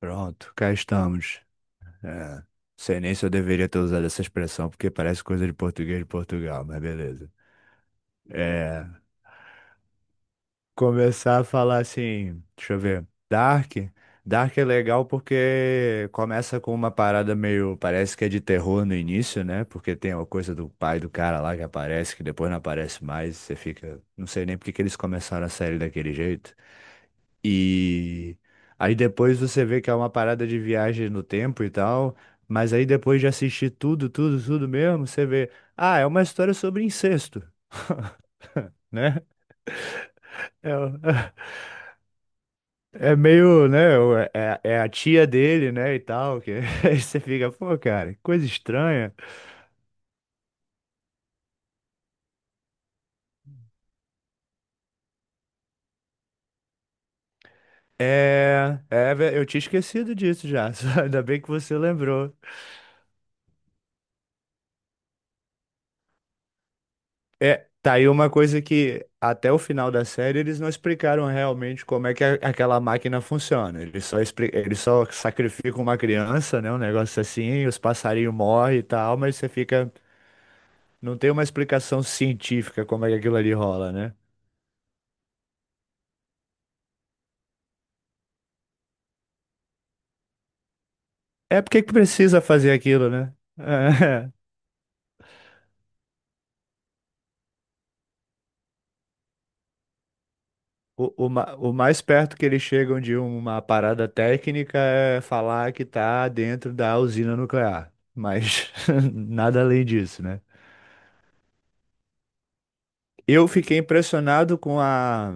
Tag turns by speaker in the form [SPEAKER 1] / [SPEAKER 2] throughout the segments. [SPEAKER 1] Pronto, cá estamos. É, sei nem se eu deveria ter usado essa expressão, porque parece coisa de português de Portugal, mas beleza. É, começar a falar assim, deixa eu ver. Dark. Dark é legal porque começa com uma parada meio, parece que é de terror no início, né? Porque tem uma coisa do pai do cara lá que aparece, que depois não aparece mais, você fica, não sei nem por que que eles começaram a série daquele jeito. E aí depois você vê que é uma parada de viagem no tempo e tal, mas aí depois de assistir tudo, tudo, tudo mesmo, você vê, ah, é uma história sobre incesto, né? É, é meio, né? É, é a tia dele, né? E tal, que aí você fica, pô, cara, que coisa estranha. É, é, eu tinha esquecido disso já, só ainda bem que você lembrou. É, tá aí uma coisa que até o final da série eles não explicaram realmente como é que aquela máquina funciona. Eles só, eles só sacrificam uma criança, né? Um negócio assim, os passarinhos morrem e tal, mas você fica. Não tem uma explicação científica como é que aquilo ali rola, né? É porque que precisa fazer aquilo, né? É. O mais perto que eles chegam de uma parada técnica é falar que tá dentro da usina nuclear. Mas nada além disso, né? Eu fiquei impressionado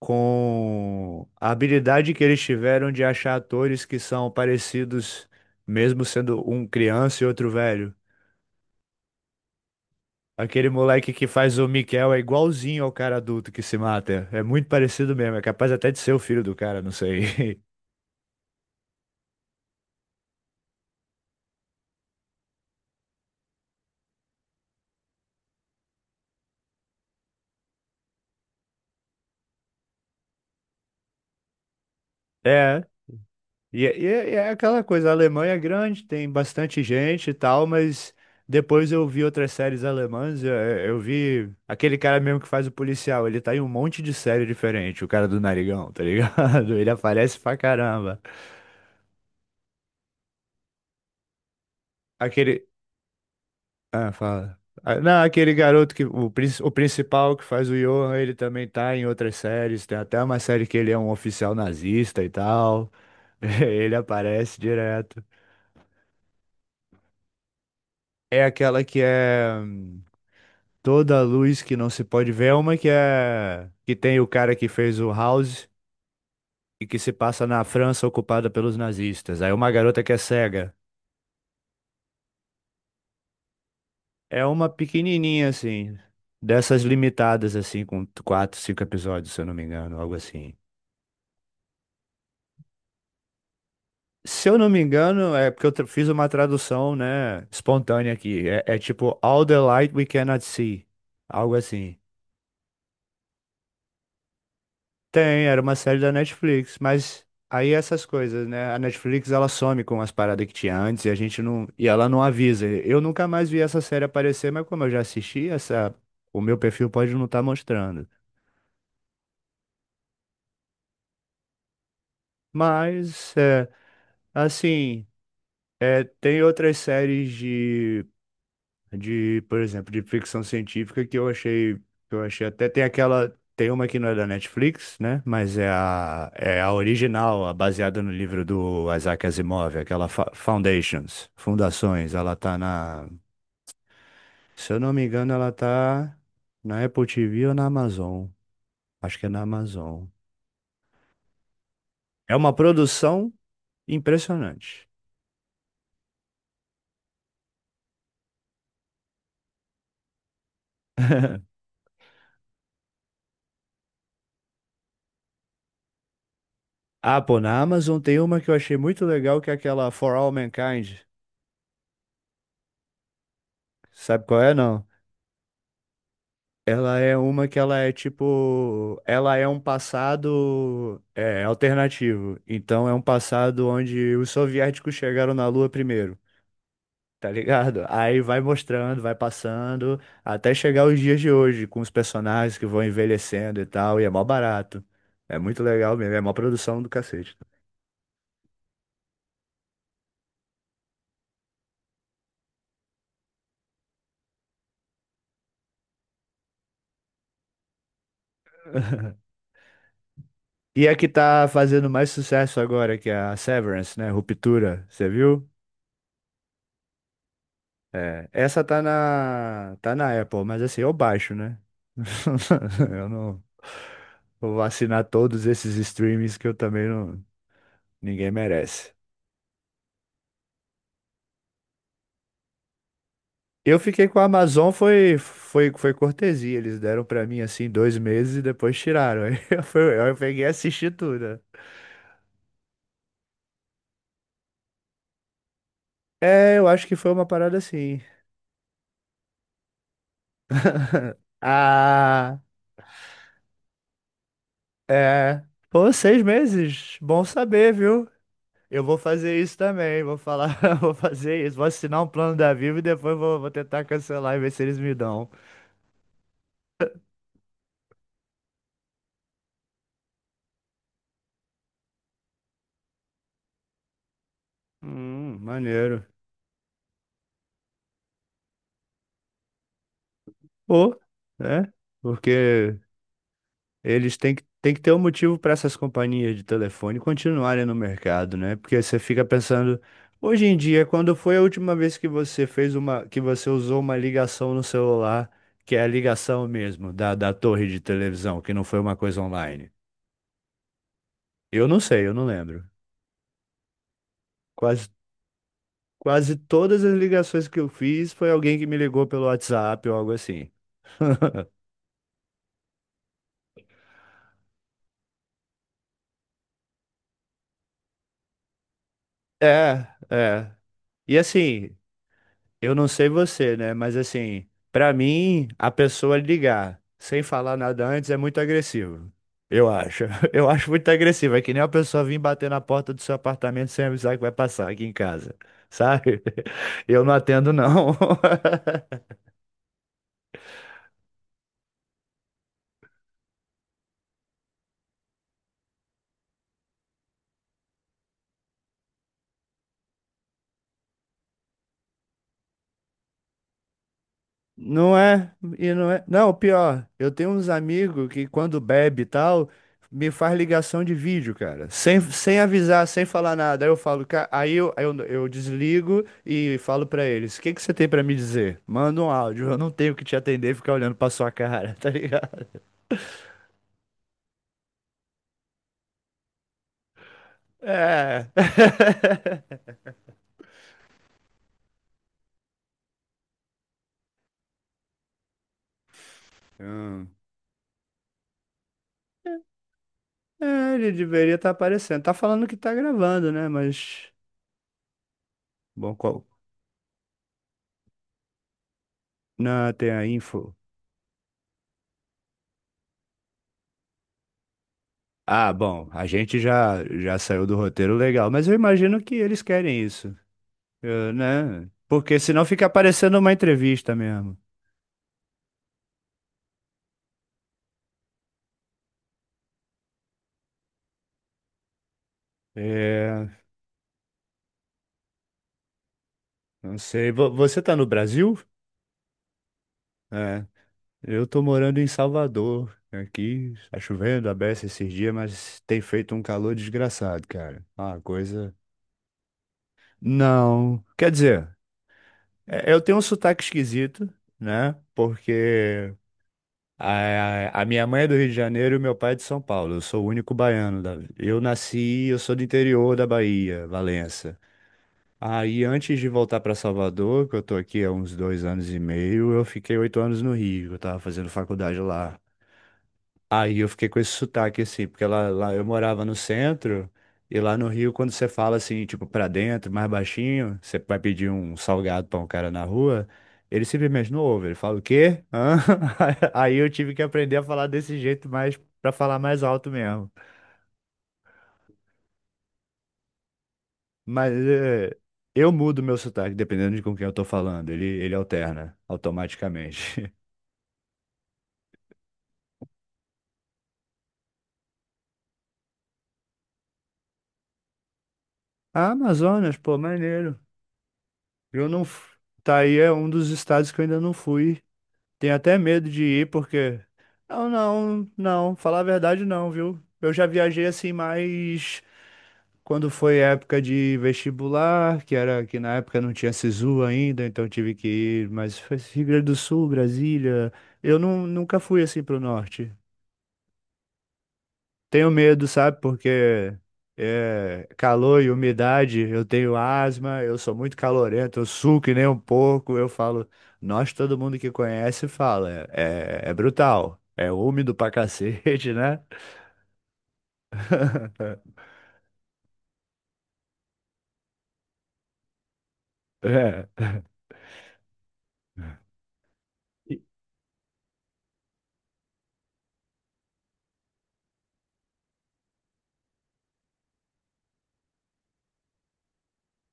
[SPEAKER 1] com a habilidade que eles tiveram de achar atores que são parecidos, mesmo sendo um criança e outro velho. Aquele moleque que faz o Mikel é igualzinho ao cara adulto que se mata. É muito parecido mesmo, é capaz até de ser o filho do cara, não sei. É, E, é aquela coisa, a Alemanha é grande, tem bastante gente e tal, mas depois eu vi outras séries alemãs, eu vi aquele cara mesmo que faz o policial, ele tá em um monte de série diferente, o cara do narigão, tá ligado? Ele aparece pra caramba. Aquele... Ah, fala. Ah, não, aquele garoto que, o, o principal que faz o Johan, ele também tá em outras séries, tem até uma série que ele é um oficial nazista e tal, ele aparece direto. É aquela que é. Toda luz que não se pode ver, é uma que é que tem o cara que fez o House e que se passa na França ocupada pelos nazistas. Aí uma garota que é cega. É uma pequenininha assim, dessas limitadas assim com quatro, cinco episódios, se eu não me engano, algo assim. Se eu não me engano, é porque eu fiz uma tradução, né, espontânea aqui. É, é tipo All the Light We Cannot See, algo assim. Tem, era uma série da Netflix, mas aí essas coisas, né? A Netflix ela some com as paradas que tinha antes e a gente não, e ela não avisa. Eu nunca mais vi essa série aparecer, mas como eu já assisti, essa, o meu perfil pode não estar mostrando. Mas é, assim, é, tem outras séries de, por exemplo, de ficção científica que eu achei até tem aquela, tem uma que não é da Netflix, né? Mas é a, é a original, a baseada no livro do Isaac Asimov, aquela Foundations, Fundações, ela tá na, se eu não me engano, ela tá na Apple TV ou na Amazon. Acho que é na Amazon. É uma produção impressionante. Ah, pô, na Amazon tem uma que eu achei muito legal, que é aquela For All Mankind. Sabe qual é, não? Ela é uma que ela é tipo, ela é um passado é, alternativo. Então é um passado onde os soviéticos chegaram na Lua primeiro, tá ligado? Aí vai mostrando, vai passando, até chegar os dias de hoje, com os personagens que vão envelhecendo e tal, e é mó barato. É muito legal mesmo, é mó produção do cacete. E a que tá fazendo mais sucesso agora, que é a Severance, né? Ruptura, você viu? É, essa tá na, tá na Apple, mas assim, eu baixo, né? Eu não vou assinar todos esses streams que eu também não, ninguém merece. Eu fiquei com a Amazon, foi, cortesia. Eles deram pra mim assim 2 meses e depois tiraram. Aí eu peguei e assisti tudo, né? É, eu acho que foi uma parada assim. Ah, é. Pô, 6 meses. Bom saber, viu? Eu vou fazer isso também, vou falar, vou fazer isso, vou assinar um plano da Vivo e depois vou tentar cancelar e ver se eles me dão. Maneiro. Ou, né? Porque eles têm que ter um motivo para essas companhias de telefone continuarem no mercado, né? Porque você fica pensando, hoje em dia, quando foi a última vez que você fez uma, que você usou uma ligação no celular, que é a ligação mesmo da torre de televisão, que não foi uma coisa online? Eu não sei, eu não lembro. Quase Quase todas as ligações que eu fiz foi alguém que me ligou pelo WhatsApp ou algo assim. É, é. E assim, eu não sei você, né? Mas assim, pra mim, a pessoa ligar sem falar nada antes é muito agressivo. Eu acho. Eu acho muito agressivo. É que nem uma pessoa vir bater na porta do seu apartamento sem avisar que vai passar aqui em casa. Sabe? Eu não atendo, não. Não é, e não é. Não, pior, eu tenho uns amigos que quando bebe e tal, me faz ligação de vídeo, cara. Sem avisar, sem falar nada. Aí eu falo, eu desligo e falo pra eles: o que que você tem pra me dizer? Manda um áudio, eu não tenho que te atender e ficar olhando pra sua cara, tá ligado? É. Hum. É, ele deveria estar aparecendo. Tá falando que tá gravando, né? Mas. Bom, qual. Não, tem a info. Ah, bom, a gente já já saiu do roteiro legal, mas eu imagino que eles querem isso, né? Porque senão fica parecendo uma entrevista mesmo. É, não sei, você tá no Brasil? É, eu tô morando em Salvador. Aqui tá chovendo a beça esses dias, mas tem feito um calor desgraçado, cara. É uma coisa. Não, quer dizer, eu tenho um sotaque esquisito, né? Porque a minha mãe é do Rio de Janeiro e o meu pai é de São Paulo. Eu sou o único baiano da. Eu nasci, eu sou do interior da Bahia, Valença. Aí, antes de voltar para Salvador, que eu tô aqui há uns 2 anos e meio, eu fiquei 8 anos no Rio. Eu tava fazendo faculdade lá. Aí eu fiquei com esse sotaque assim, porque lá, lá eu morava no centro e lá no Rio, quando você fala assim, tipo, pra dentro, mais baixinho, você vai pedir um salgado pra um cara na rua, ele simplesmente não ouve, ele fala o quê? Hã? Aí eu tive que aprender a falar desse jeito mais pra falar mais alto mesmo. Mas é, eu mudo meu sotaque dependendo de com quem eu tô falando, ele alterna automaticamente. Ah, Amazonas, pô, maneiro. Eu não. Tá aí é um dos estados que eu ainda não fui. Tenho até medo de ir porque. Não, não, não. Falar a verdade, não, viu? Eu já viajei assim, mas quando foi época de vestibular, que era que na época não tinha SISU ainda, então tive que ir. Mas foi Rio Grande do Sul, Brasília. Eu não, nunca fui assim pro norte. Tenho medo, sabe? Porque é, calor e umidade, eu tenho asma, eu sou muito calorento, eu suco que nem um porco. Eu falo, nós, todo mundo que conhece, fala, é, é brutal, é úmido pra cacete, né? É. E-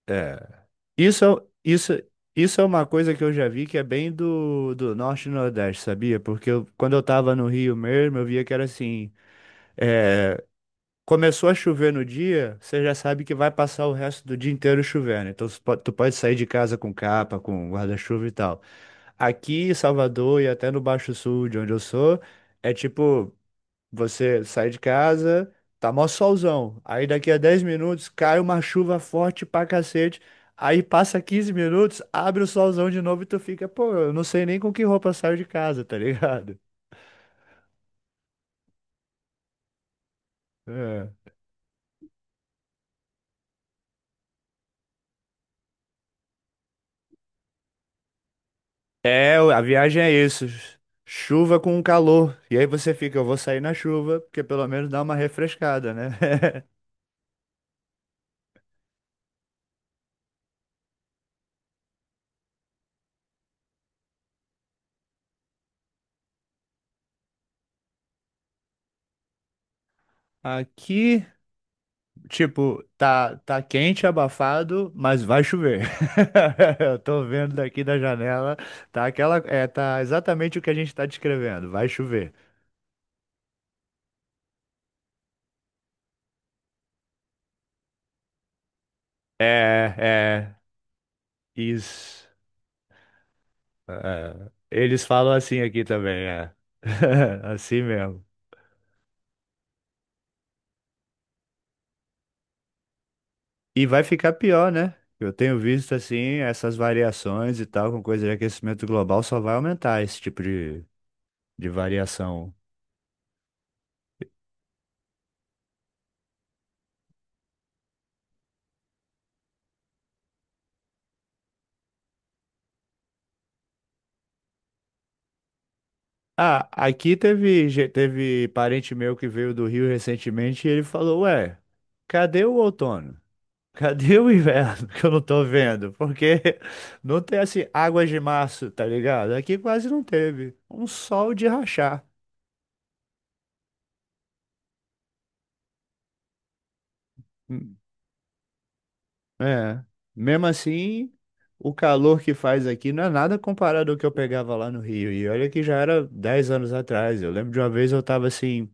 [SPEAKER 1] é. Isso, isso é uma coisa que eu já vi que é bem do, do Norte e Nordeste, sabia? Porque quando eu tava no Rio mesmo, eu via que era assim. É, começou a chover no dia, você já sabe que vai passar o resto do dia inteiro chovendo. Então você tu pode sair de casa com capa, com guarda-chuva e tal. Aqui em Salvador e até no Baixo Sul, de onde eu sou, é tipo, você sai de casa, tá mó solzão. Aí daqui a 10 minutos cai uma chuva forte pra cacete. Aí passa 15 minutos, abre o solzão de novo e tu fica, pô, eu não sei nem com que roupa eu saio de casa, tá ligado? É. É, a viagem é isso. Chuva com calor. E aí você fica, eu vou sair na chuva, porque pelo menos dá uma refrescada, né? Aqui, tipo, tá quente, abafado, mas vai chover. Eu tô vendo daqui da janela, tá aquela, é, tá exatamente o que a gente tá descrevendo, vai chover. É, é, isso. É, eles falam assim aqui também, é. Assim mesmo. E vai ficar pior, né? Eu tenho visto assim essas variações e tal, com coisa de aquecimento global, só vai aumentar esse tipo de variação. Ah, aqui teve parente meu que veio do Rio recentemente e ele falou: Ué, cadê o outono? Cadê o inverno que eu não tô vendo? Porque não tem assim águas de março, tá ligado? Aqui quase não teve. Um sol de rachar. É. Mesmo assim, o calor que faz aqui não é nada comparado ao que eu pegava lá no Rio. E olha que já era 10 anos atrás. Eu lembro de uma vez eu tava assim,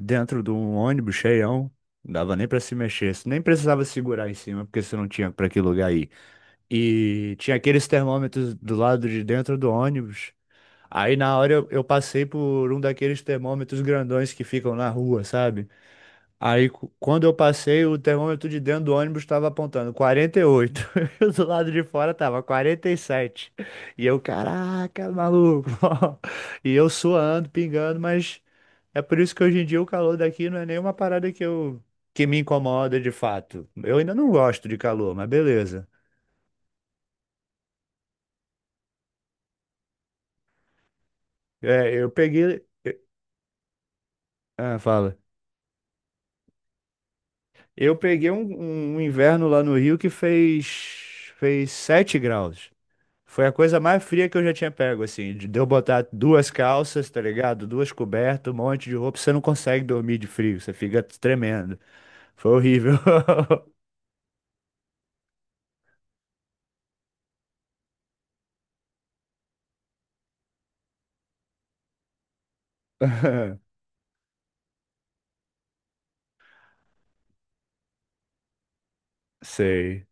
[SPEAKER 1] dentro de um ônibus cheião. Não dava nem pra se mexer, você nem precisava segurar em cima, porque você não tinha pra que lugar ir. E tinha aqueles termômetros do lado de dentro do ônibus. Aí na hora eu passei por um daqueles termômetros grandões que ficam na rua, sabe? Aí, quando eu passei, o termômetro de dentro do ônibus estava apontando 48. E oito. E o do lado de fora tava 47. E sete. E eu, caraca, maluco. E eu suando, pingando, mas é por isso que hoje em dia o calor daqui não é nenhuma parada que me incomoda de fato. Eu ainda não gosto de calor, mas beleza. É, eu peguei. Ah, fala. Eu peguei um inverno lá no Rio que fez 7 graus. Foi a coisa mais fria que eu já tinha pego, assim, de eu botar duas calças, tá ligado? Duas cobertas, um monte de roupa, você não consegue dormir de frio, você fica tremendo. Foi horrível. Sei.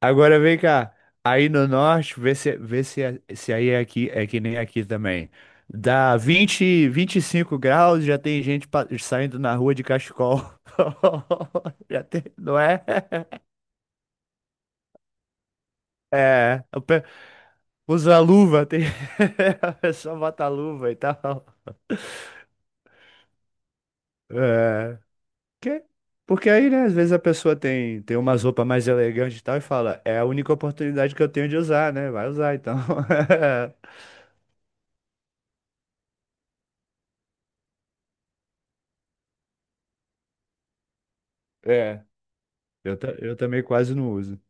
[SPEAKER 1] Agora vem cá. Aí no norte, vê se, se aí é aqui, é que nem aqui também. Dá 20 25 graus, já tem gente saindo na rua de cachecol. Já tem, não é? É. Usa a luva, tem... a pessoa bota a luva e tal. É. Que? Porque aí, né, às vezes a pessoa tem umas roupas mais elegantes e tal e fala, é a única oportunidade que eu tenho de usar, né? Vai usar, então. É. Eu, eu também quase não uso.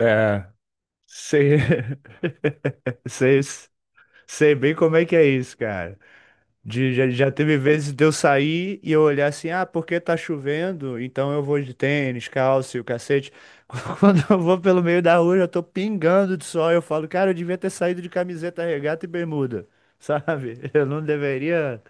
[SPEAKER 1] É. Sei. sei, sei bem como é que é isso, cara. De, já teve vezes de eu sair e eu olhar assim, ah, porque tá chovendo, então eu vou de tênis, calça e o cacete. Quando eu vou pelo meio da rua, eu tô pingando de sol, eu falo, cara, eu devia ter saído de camiseta, regata e bermuda, sabe? Eu não deveria.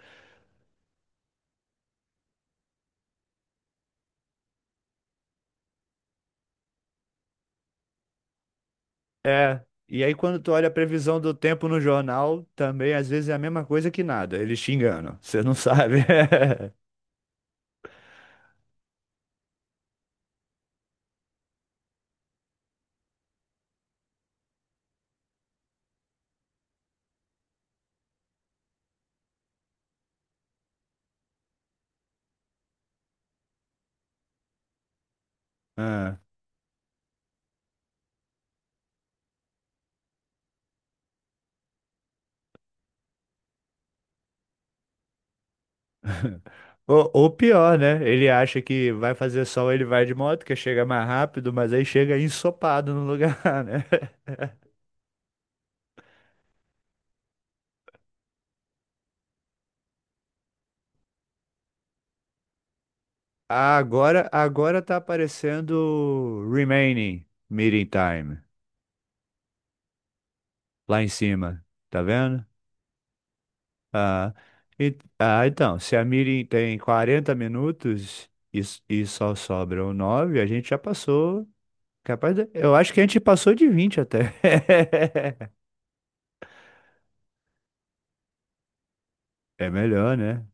[SPEAKER 1] É. E aí, quando tu olha a previsão do tempo no jornal, também às vezes é a mesma coisa que nada, eles te enganam, você não sabe. Ah. Ou pior, né? Ele acha que vai fazer sol, ele vai de moto, que chega mais rápido, mas aí chega ensopado no lugar, né? Ah, Agora tá aparecendo Remaining Meeting Time lá em cima, tá vendo? Ah, então, se a meeting tem 40 minutos e só sobram 9, a gente já passou. Eu acho que a gente passou de 20 até. É melhor, né?